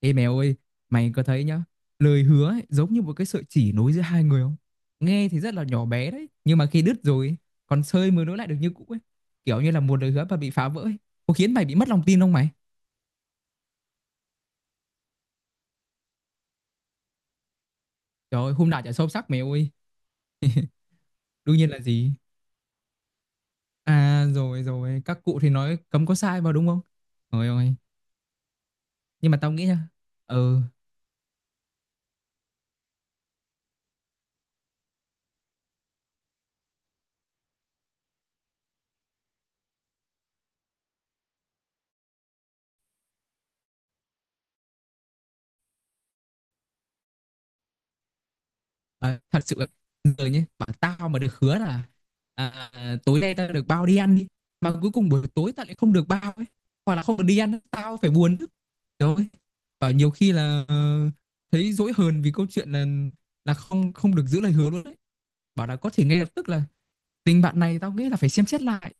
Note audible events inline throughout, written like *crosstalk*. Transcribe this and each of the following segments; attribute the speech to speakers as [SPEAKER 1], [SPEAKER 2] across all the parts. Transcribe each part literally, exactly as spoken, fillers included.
[SPEAKER 1] Ê mèo ơi, mày có thấy nhá, lời hứa ấy, giống như một cái sợi chỉ nối giữa hai người không? Nghe thì rất là nhỏ bé đấy, nhưng mà khi đứt rồi, còn sơi mới nối lại được như cũ ấy. Kiểu như là một lời hứa mà bị phá vỡ ấy, có khiến mày bị mất lòng tin không mày? Trời ơi, hôm nào chả sâu sắc mày ơi. Đương nhiên là gì? À rồi rồi, các cụ thì nói cấm có sai vào đúng không? Trời ơi, nhưng mà tao nghĩ nha. Ừ, Ờ, thật sự là người nhé bảo tao mà được hứa là à, à, à, tối nay tao được bao đi ăn đi mà cuối cùng buổi tối tao lại không được bao ấy, hoặc là không được đi ăn tao phải buồn chứ. Rồi bảo nhiều khi là ờ, thấy dỗi hờn vì câu chuyện là là không không được giữ lời hứa luôn đấy, bảo là có thể ngay lập tức là tình bạn này tao nghĩ là phải xem xét lại.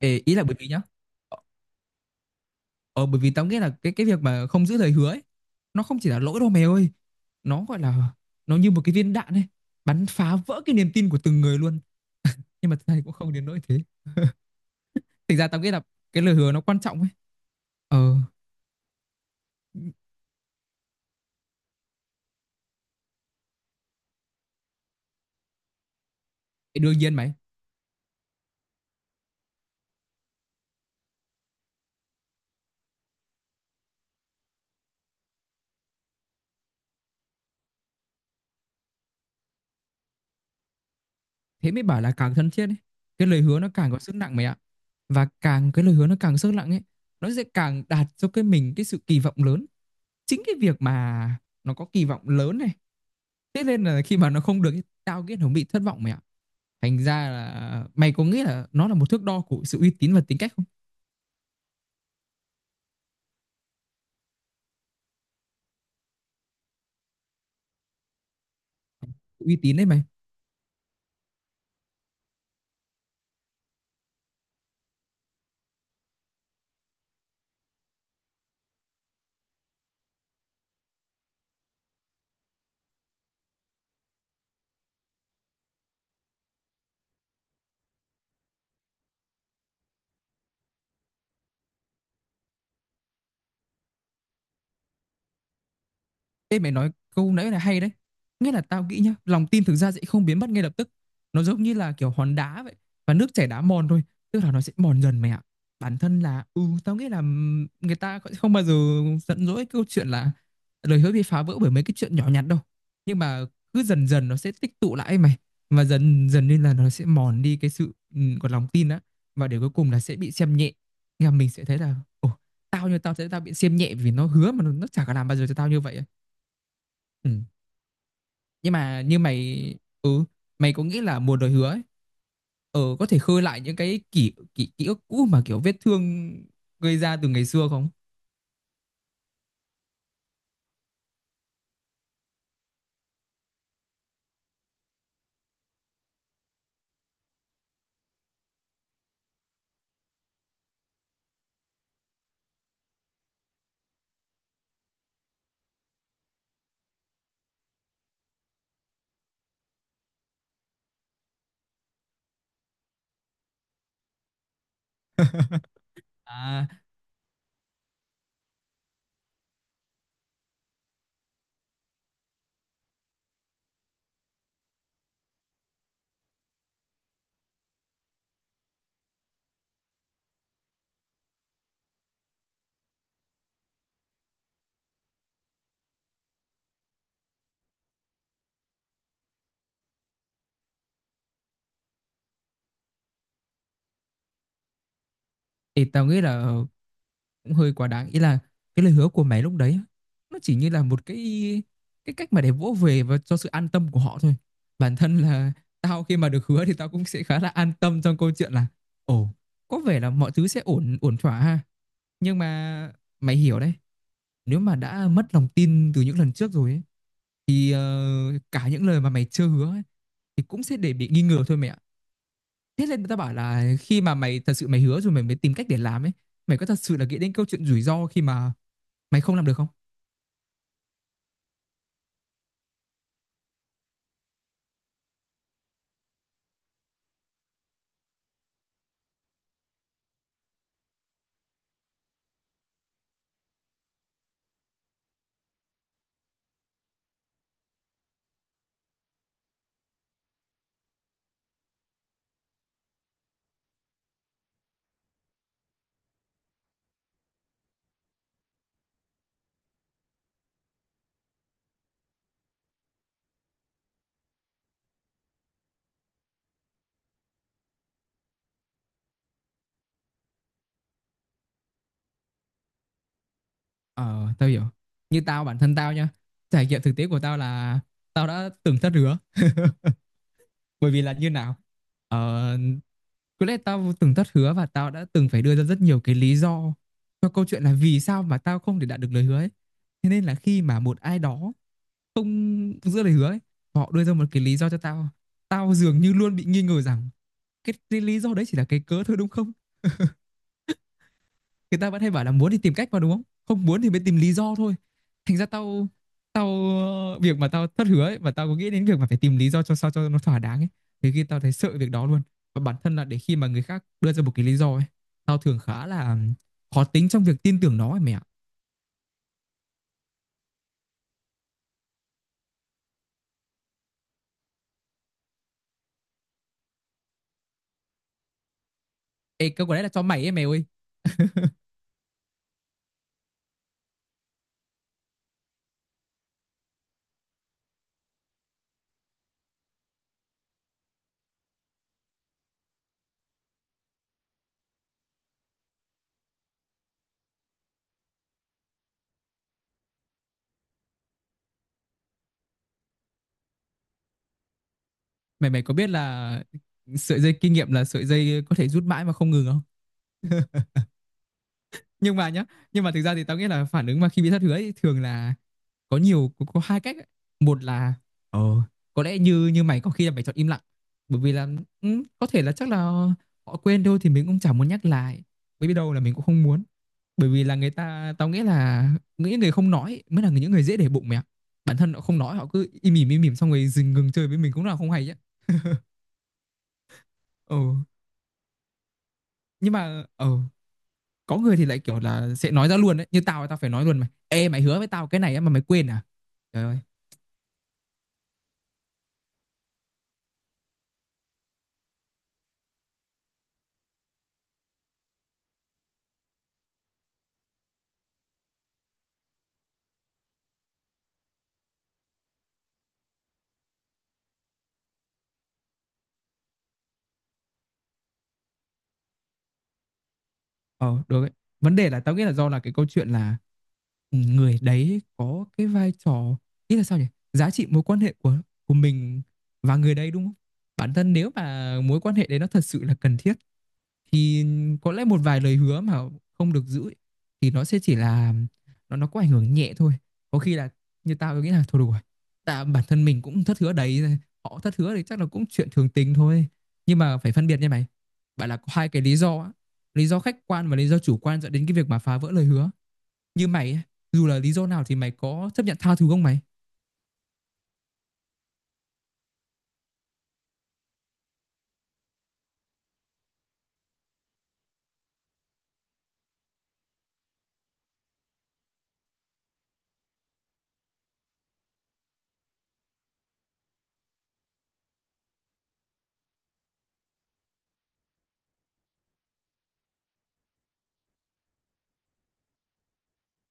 [SPEAKER 1] Ê, ý là bởi vì nhá, Ờ bởi vì tao nghĩ là cái cái việc mà không giữ lời hứa ấy, nó không chỉ là lỗi đâu mày ơi. Nó gọi là nó như một cái viên đạn ấy, bắn phá vỡ cái niềm tin của từng người luôn. Nhưng mà thực ra thì cũng không đến nỗi thế. Thực ra tao nghĩ là cái lời hứa nó quan trọng ấy. Ờ, thì đương nhiên mày, thế mới bảo là càng thân thiết ấy. Cái lời hứa nó càng có sức nặng mày ạ. Và càng cái lời hứa nó càng sức nặng ấy, nó sẽ càng đạt cho cái mình cái sự kỳ vọng lớn. Chính cái việc mà nó có kỳ vọng lớn này, thế nên là khi mà nó không được ấy, tao nghĩ nó bị thất vọng mày ạ. Thành ra là mày có nghĩ là nó là một thước đo của sự uy tín và tính cách không? Uy tín đấy mày. Ê mày nói câu nãy là hay đấy. Nghĩa là tao nghĩ nhá, lòng tin thực ra sẽ không biến mất ngay lập tức. Nó giống như là kiểu hòn đá vậy, và nước chảy đá mòn thôi. Tức là nó sẽ mòn dần mày ạ. Bản thân là, ừ, tao nghĩ là, ừm, người ta sẽ không bao giờ giận dỗi câu chuyện là lời hứa bị phá vỡ bởi mấy cái chuyện nhỏ nhặt đâu. Nhưng mà cứ dần dần nó sẽ tích tụ lại ấy mày. Và dần dần nên là nó sẽ mòn đi cái sự, ừm, của lòng tin á. Và để cuối cùng là sẽ bị xem nhẹ. Nghe mình sẽ thấy là, ồ, tao như tao thấy tao bị xem nhẹ vì nó hứa mà nó, nó chả có làm bao giờ cho tao như vậy á. Ừ. Nhưng mà như mày, ừ, mày có nghĩ là mùa lời hứa ấy, ờ, có thể khơi lại những cái kỷ kỷ ký ức cũ mà kiểu vết thương gây ra từ ngày xưa không? *laughs* À thì tao nghĩ là cũng hơi quá đáng, ý là cái lời hứa của mày lúc đấy á, nó chỉ như là một cái, cái cách mà để vỗ về và cho sự an tâm của họ thôi. Bản thân là tao khi mà được hứa thì tao cũng sẽ khá là an tâm trong câu chuyện là, ồ, có vẻ là mọi thứ sẽ ổn ổn thỏa ha. Nhưng mà mày hiểu đấy, nếu mà đã mất lòng tin từ những lần trước rồi ấy, thì ờ, cả những lời mà mày chưa hứa ấy, thì cũng sẽ để bị nghi ngờ thôi mẹ ạ. Thế nên người ta bảo là khi mà mày thật sự mày hứa rồi mày mới tìm cách để làm ấy, mày có thật sự là nghĩ đến câu chuyện rủi ro khi mà mày không làm được không? Ờ, tao hiểu. Như tao bản thân tao nha, trải nghiệm thực tế của tao là tao đã từng thất hứa, bởi vì là như nào, ờ, có lẽ tao từng thất hứa và tao đã từng phải đưa ra rất nhiều cái lý do cho câu chuyện là vì sao mà tao không thể đạt được lời hứa ấy. Thế nên là khi mà một ai đó không giữ lời hứa ấy, họ đưa ra một cái lý do cho tao, tao dường như luôn bị nghi ngờ rằng cái, cái lý do đấy chỉ là cái cớ thôi đúng không? Người ta vẫn hay bảo là muốn thì tìm cách mà, đúng không, không muốn thì mới tìm lý do thôi. Thành ra tao tao ờ, việc mà tao thất hứa ấy, mà tao có nghĩ đến việc mà phải tìm lý do cho sao cho nó thỏa đáng ấy, thì khi tao thấy sợ việc đó luôn. Và bản thân là để khi mà người khác đưa ra một cái lý do ấy, tao thường khá là khó tính trong việc tin tưởng nó ấy mày ạ. Ê câu của đấy là cho mày ấy mày ơi. Mày mày có biết là sợi dây kinh nghiệm là sợi dây có thể rút mãi mà không ngừng không? Nhưng mà nhá, nhưng mà thực ra thì tao nghĩ là phản ứng mà khi bị thất hứa ấy, thường là có nhiều có, có hai cách ấy. Một là ờ, có lẽ như như mày có khi là mày chọn im lặng, bởi vì là, ừ, có thể là chắc là họ quên thôi thì mình cũng chẳng muốn nhắc lại, bởi vì đâu là mình cũng không muốn, bởi vì là người ta tao nghĩ là những người không nói mới là những người dễ để bụng mẹ. Bản thân họ không nói họ cứ im ỉm im ỉm xong rồi dừng ngừng chơi với mình cũng là không hay chứ. Ừ, nhưng mà, ờ, có người thì lại kiểu là sẽ nói ra luôn đấy, như tao tao phải nói luôn mày, ê mày hứa với tao cái này á mà mày quên à. Trời ơi. Ờ, được ấy. Vấn đề là tao nghĩ là do là cái câu chuyện là, ừ, người đấy có cái vai trò, ý là sao nhỉ? Giá trị mối quan hệ của của mình và người đấy đúng không? Bản thân nếu mà mối quan hệ đấy nó thật sự là cần thiết thì có lẽ một vài lời hứa mà không được giữ ấy, thì nó sẽ chỉ là, nó nó có ảnh hưởng nhẹ thôi. Có khi là như tao nghĩ là thôi đủ rồi. Tại bản thân mình cũng thất hứa đấy, họ thất hứa thì chắc là cũng chuyện thường tình thôi. Nhưng mà phải phân biệt nha mày. Bạn là có hai cái lý do á, lý do khách quan và lý do chủ quan dẫn đến cái việc mà phá vỡ lời hứa. Như mày ấy, dù là lý do nào thì mày có chấp nhận tha thứ không mày?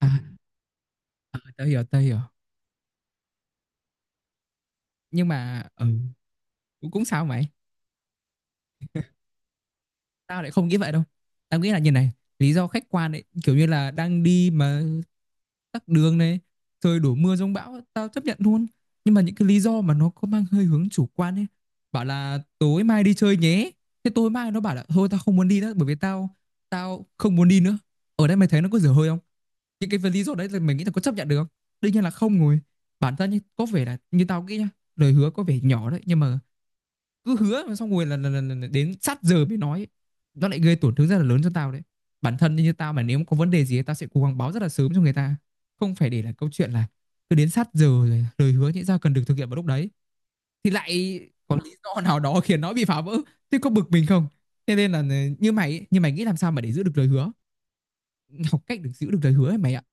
[SPEAKER 1] À, à tao hiểu tao hiểu Nhưng mà, ừ, cũng- cũng sao mày, tao lại không nghĩ vậy đâu. Tao nghĩ là như này, lý do khách quan ấy kiểu như là đang đi mà tắc đường này, trời đổ mưa giông bão tao chấp nhận luôn. Nhưng mà những cái lý do mà nó có mang hơi hướng chủ quan ấy, bảo là tối mai đi chơi nhé, thế tối mai nó bảo là thôi tao không muốn đi nữa, bởi vì tao tao không muốn đi nữa. Ở đây mày thấy nó có dở hơi không? Những cái lý do đấy là mày nghĩ là có chấp nhận được không? Đương nhiên là không rồi. Bản thân như có vẻ là như tao nghĩ nhá, lời hứa có vẻ nhỏ đấy nhưng mà cứ hứa mà xong rồi là, là, là, là, đến sát giờ mới nói, nó lại gây tổn thương rất là lớn cho tao đấy. Bản thân như tao mà nếu có vấn đề gì tao sẽ cố gắng báo rất là sớm cho người ta, không phải để là câu chuyện là cứ đến sát giờ rồi lời hứa nhẽ ra cần được thực hiện vào lúc đấy thì lại có lý do nào đó khiến nó bị phá vỡ, thế có bực mình không. Thế nên là, ừ, như mày, như mày nghĩ làm sao mà để giữ được lời hứa, học cách được giữ được lời hứa ấy mày ạ.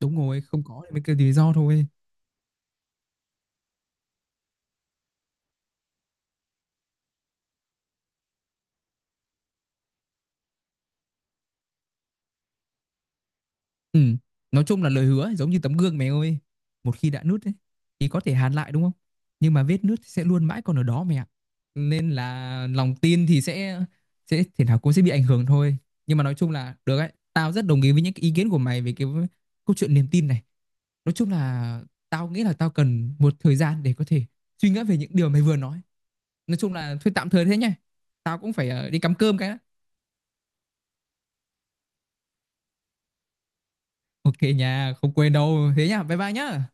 [SPEAKER 1] Đúng rồi, không có thì mới kêu lý do thôi. Ừ. Nói chung là lời hứa ấy, giống như tấm gương mẹ ơi. Một khi đã nứt ấy, thì có thể hàn lại đúng không? Nhưng mà vết nứt sẽ luôn mãi còn ở đó mẹ ạ. Nên là lòng tin thì sẽ sẽ thể nào cũng sẽ bị ảnh hưởng thôi. Nhưng mà nói chung là được ấy. Tao rất đồng ý với những cái ý kiến của mày về cái câu chuyện niềm tin này. Nói chung là tao nghĩ là tao cần một thời gian để có thể suy nghĩ về những điều mày vừa nói. Nói chung là thôi tạm thời thế nhá. Tao cũng phải ờ, đi cắm cơm cái đã. Ok nha, không quên đâu. Thế nhá, bye bye nhá.